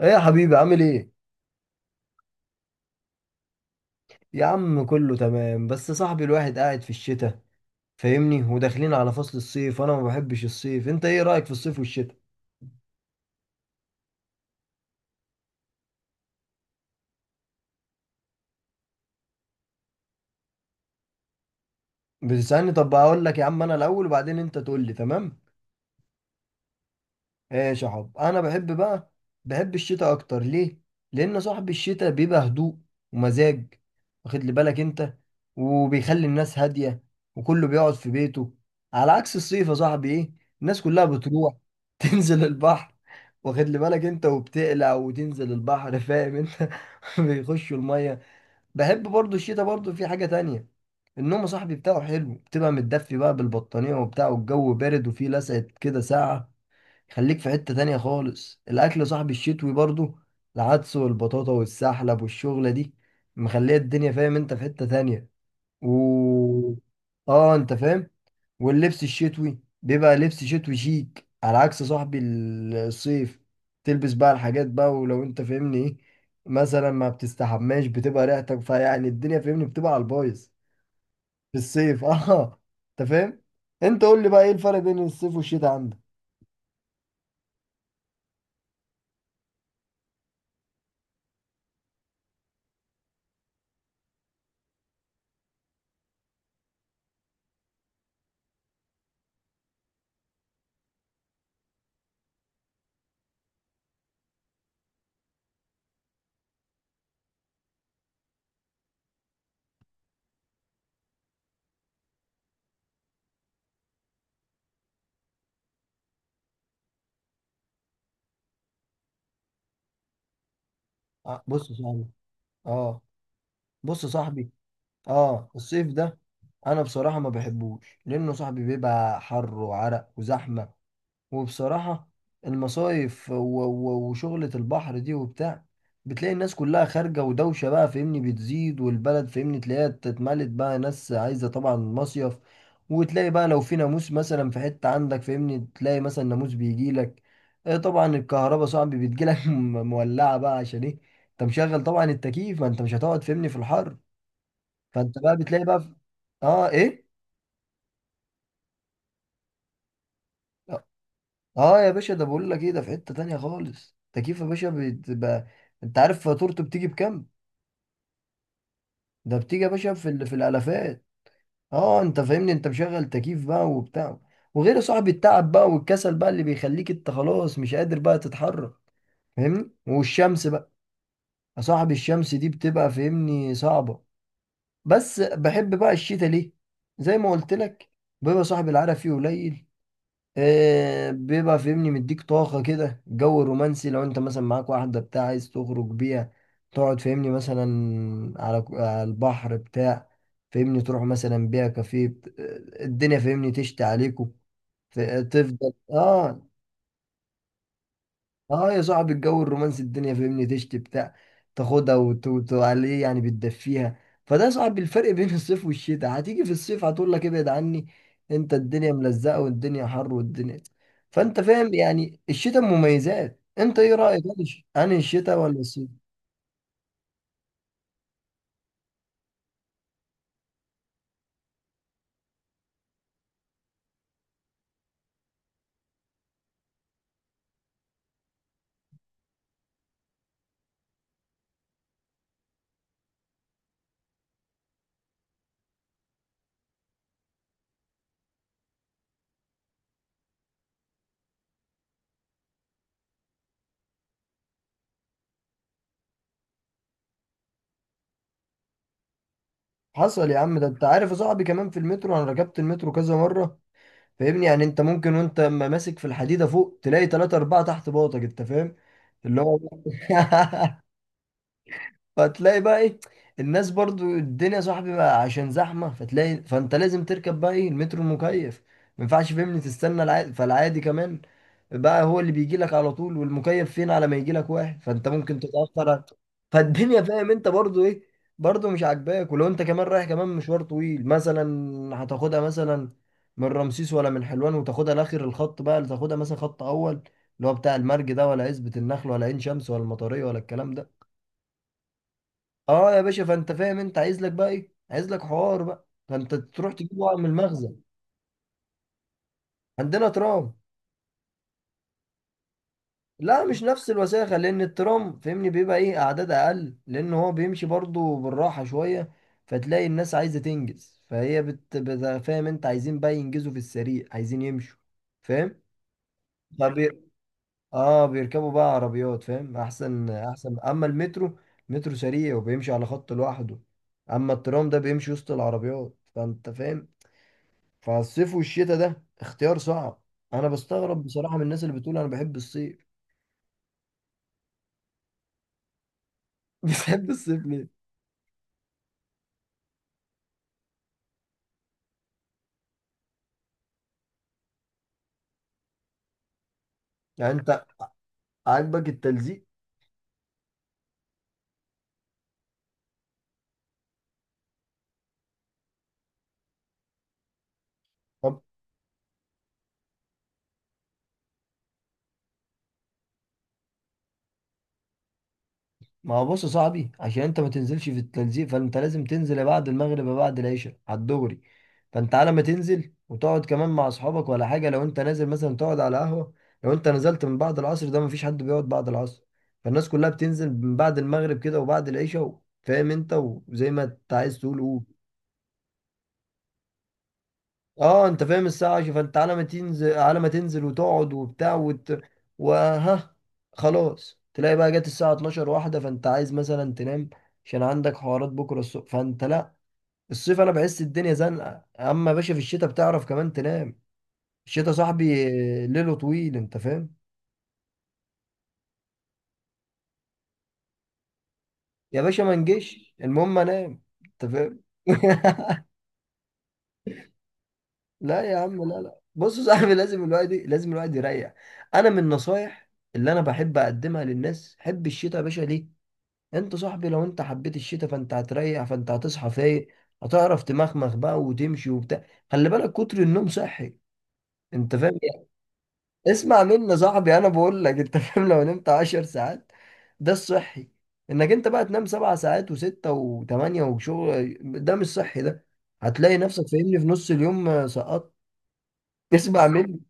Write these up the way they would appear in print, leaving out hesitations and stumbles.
ايه يا حبيبي عامل ايه؟ يا عم كله تمام، بس صاحبي الواحد قاعد في الشتاء فاهمني، وداخلين على فصل الصيف وانا ما بحبش الصيف. انت ايه رأيك في الصيف والشتاء؟ بتسألني؟ طب اقول لك يا عم انا الاول وبعدين انت تقول لي. تمام. ايش يا حب؟ انا بحب بقى، بحب الشتاء اكتر. ليه؟ لان صاحب الشتاء بيبقى هدوء ومزاج، واخد لي بالك انت، وبيخلي الناس هاديه وكله بيقعد في بيته. على عكس الصيف يا صاحبي، ايه، الناس كلها بتروح تنزل البحر، واخد لي بالك انت، وبتقلع وتنزل البحر فاهم انت، بيخشوا الميه. بحب برضو الشتاء، برضو في حاجه تانية، النوم يا صاحبي بتاعه حلو، بتبقى متدفي بقى بالبطانيه وبتاع والجو بارد وفيه لسعه كده ساعه. خليك في حتة تانية خالص، الأكل صاحب الشتوي برضو، العدس والبطاطا والسحلب والشغلة دي مخلية الدنيا فاهم انت في حتة تانية. و اه انت فاهم. واللبس الشتوي بيبقى لبس شتوي شيك، على عكس صاحب الصيف، تلبس بقى الحاجات بقى، ولو انت فاهمني ايه، مثلا ما بتستحماش، بتبقى ريحتك فيعني الدنيا فاهمني بتبقى على البايظ في الصيف. اه انت فاهم. انت قول لي بقى، ايه الفرق بين الصيف والشتاء عندك؟ بص يا صاحبي. اه بص يا صاحبي. اه الصيف ده انا بصراحه ما بحبوش، لانه صاحبي بيبقى حر وعرق وزحمه. وبصراحه المصايف وشغله البحر دي وبتاع، بتلاقي الناس كلها خارجه ودوشه بقى فاهمني بتزيد، والبلد فاهمني تلاقيها اتملت بقى ناس عايزه طبعا مصيف. وتلاقي بقى لو في ناموس مثلا في حته عندك فاهمني، تلاقي مثلا ناموس بيجي لك. إيه طبعا، الكهرباء صاحبي بتجي لك مولعه بقى، عشان ايه؟ انت مشغل طبعا التكييف، ما انت مش هتقعد فاهمني في الحر. فانت بقى بتلاقي بقى في... اه ايه. اه يا باشا ده بقول لك ايه، ده في حتة تانية خالص، تكييف يا باشا بتبقى، انت عارف فاتورته بتيجي بكام؟ ده بتيجي يا باشا في ال... في الالافات. اه انت فاهمني، انت مشغل تكييف بقى وبتاع. وغير صاحب التعب بقى والكسل بقى، اللي بيخليك انت خلاص مش قادر بقى تتحرك فاهمني. والشمس بقى، يا صاحب الشمس دي بتبقى فاهمني صعبة. بس بحب بقى الشتاء ليه؟ زي ما قلت لك، بيبقى صاحب العرق فيه قليل، بيبقى فاهمني مديك طاقة كده، جو رومانسي، لو انت مثلا معاك واحدة بتاع عايز تخرج بيها، تقعد فاهمني مثلا على على البحر بتاع، فاهمني تروح مثلا بيها كافيه الدنيا فاهمني تشتي عليكم. تفضل اه. اه يا صاحبي، الجو الرومانسي، الدنيا فاهمني تشتي بتاع، تاخدها وتعليه يعني، بتدفيها. فده يا صاحبي الفرق بين الصيف والشتاء. هتيجي في الصيف هتقول لك ابعد عني، انت الدنيا ملزقه والدنيا حر والدنيا. فانت فاهم يعني الشتاء مميزات. انت ايه رايك، انا الشتاء ولا الصيف؟ حصل يا عم. ده انت عارف يا صاحبي، كمان في المترو، انا ركبت المترو كذا مره فاهمني، يعني انت ممكن وانت ما ماسك في الحديده فوق، تلاقي ثلاثة أربعة تحت باطك انت فاهم، اللي هو فتلاقي بقى ايه، الناس برضو، الدنيا صاحبي بقى عشان زحمة، فتلاقي فانت لازم تركب بقى ايه، المترو المكيف، ما ينفعش فهمني تستنى العادي، فالعادي كمان بقى هو اللي بيجي لك على طول، والمكيف فين، على ما يجي لك واحد فانت ممكن تتأخر فالدنيا فاهم انت برضو ايه، برضو مش عاجباك. ولو انت كمان رايح كمان مشوار طويل مثلا، هتاخدها مثلا من رمسيس ولا من حلوان، وتاخدها لاخر الخط بقى، اللي تاخدها مثلا خط اول، اللي هو بتاع المرج ده، ولا عزبة النخل، ولا عين شمس، ولا المطرية، ولا الكلام ده. اه يا باشا، فانت فاهم انت عايز لك بقى ايه، عايز لك حوار بقى، فانت تروح تجيب ورق من المخزن. عندنا ترام. لا مش نفس الوساخه، لان الترام فاهمني بيبقى ايه، اعداد اقل، لان هو بيمشي برضو بالراحه شويه، فتلاقي الناس عايزه تنجز، فهي بت... بت... فاهم انت عايزين بقى ينجزوا في السريع، عايزين يمشوا فاهم. فبي... اه بيركبوا بقى عربيات فاهم، احسن احسن. اما المترو، مترو سريع وبيمشي على خط لوحده، اما الترام ده بيمشي وسط العربيات فانت فاهم. فالصيف والشتاء ده اختيار صعب. انا بستغرب بصراحة من الناس اللي بتقول انا بحب الصيف. بتحب الصيف ليه؟ يعني انت عاجبك التلزيق؟ طب ما هو بص يا صاحبي، عشان انت ما تنزلش في التلزيق، فانت لازم تنزل بعد المغرب يا بعد العشاء على الدغري، فانت على ما تنزل وتقعد كمان مع اصحابك ولا حاجة، لو انت نازل مثلا تقعد على قهوة. لو انت نزلت من بعد العصر، ده مفيش حد بيقعد بعد العصر، فالناس كلها بتنزل من بعد المغرب كده وبعد العشاء فاهم انت، وزي ما انت عايز تقول قول. اه انت فاهم، الساعة عشرة، فانت على ما تنزل، على ما تنزل وتقعد وبتاع وت... وها، خلاص تلاقي بقى جت الساعة 12 واحدة، فانت عايز مثلا تنام، عشان عندك حوارات بكرة الصبح، فانت لا. الصيف انا بحس الدنيا زنقة، اما يا باشا في الشتاء بتعرف كمان تنام، الشتاء صاحبي ليله طويل انت فاهم. يا باشا ما نجيش، المهم انام انت فاهم. لا يا عم، لا لا، بص يا صاحبي، لازم الواحد، لازم الواحد يريح. انا من النصايح اللي انا بحب اقدمها للناس، حب الشتاء يا باشا. ليه؟ انت صاحبي لو انت حبيت الشتاء، فانت هتريح، فانت هتصحى فايق، هتعرف تمخمخ بقى وتمشي وبتاع. خلي بالك، كتر النوم صحي، انت فاهم يعني. اسمع مني يا صاحبي، انا بقول لك انت فاهم، لو نمت عشر ساعات، ده الصحي. انك انت بقى تنام سبع ساعات وستة وثمانية وشغل، ده مش صحي ده، هتلاقي نفسك فاهمني في نص اليوم سقطت. اسمع مني.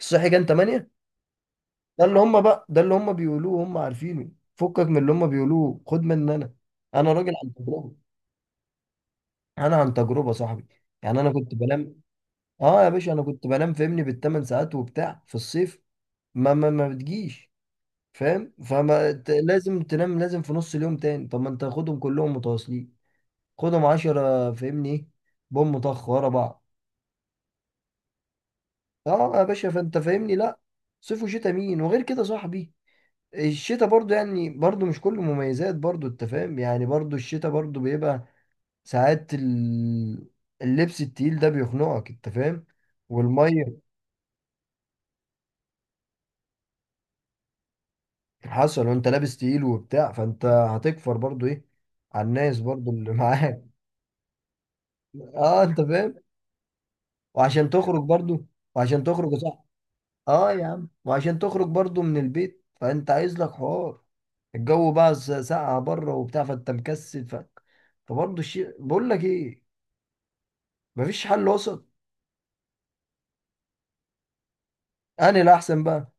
الصحي كان ثمانية. ده اللي هم بقى، ده اللي هم بيقولوه هم عارفينه، فكك من اللي هم بيقولوه، خد مني انا، انا راجل عن تجربة. انا عن تجربه صاحبي، يعني انا كنت بنام. اه يا باشا انا كنت بنام فاهمني بالثمان ساعات وبتاع في الصيف، ما ما بتجيش فاهم، لازم تنام، لازم في نص اليوم تاني. طب ما انت خدهم كلهم متواصلين، خدهم عشرة فاهمني، ايه، بوم طخ ورا بعض. اه يا باشا، فانت فاهمني لا، صيف وشتاء مين. وغير كده صاحبي، الشتاء برضو يعني، برضو مش كله مميزات، برضو انت فاهم يعني، برضو الشتاء برضو بيبقى ساعات اللبس التقيل ده بيخنقك انت فاهم، والميه. حصل، وانت لابس تقيل وبتاع، فانت هتكفر برضو ايه على الناس برضو اللي معاك. اه انت فاهم. وعشان تخرج برضو. وعشان تخرج، صح، اه يا عم، وعشان تخرج برضو من البيت، فانت عايز لك حوار، الجو بقى ساقعة بره وبتاع، فانت مكسل ف... فبرضو الشيء بقول لك ايه، مفيش حل وسط. انا الاحسن بقى،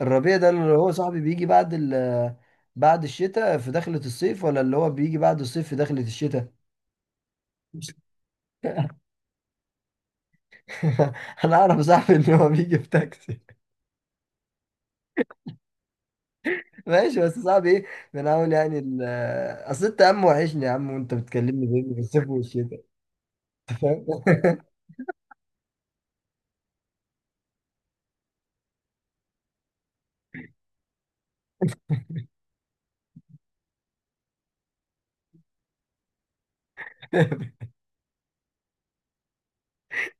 الربيع ده اللي هو صاحبي بيجي بعد ال، بعد الشتاء في دخلة الصيف، ولا اللي هو بيجي بعد الصيف في دخلة الشتاء. انا اعرف صاحبي ان هو بيجي بتاكسي. ماشي، بس صاحبي ايه، بنحاول يعني اصل انت يا عم وحشني يا عم، وانت بتكلمني بين الصيف والشتاء.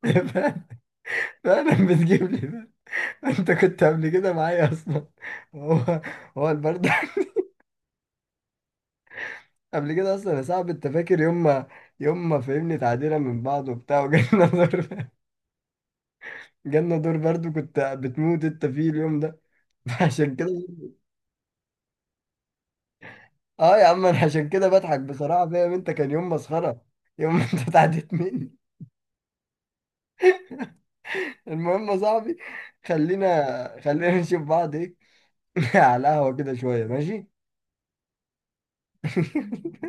فعلا، فعلا بتجيب لي ده، انت كنت قبل كده معايا اصلا، هو، هو البرد. قبل كده اصلا يا صاحبي، انت فاكر يوم ما، يوم ما فهمني تعديلة من بعض وبتاع، وجالنا دور، جالنا دور برد، كنت بتموت انت فيه اليوم ده. عشان كده اه يا عم، انا عشان كده بضحك بصراحه، فاهم انت، كان يوم مسخره، يوم ما انت اتعديت مني. المهم يا صاحبي، خلينا، خلينا نشوف بعض، ايه على القهوه كده شويه، ماشي؟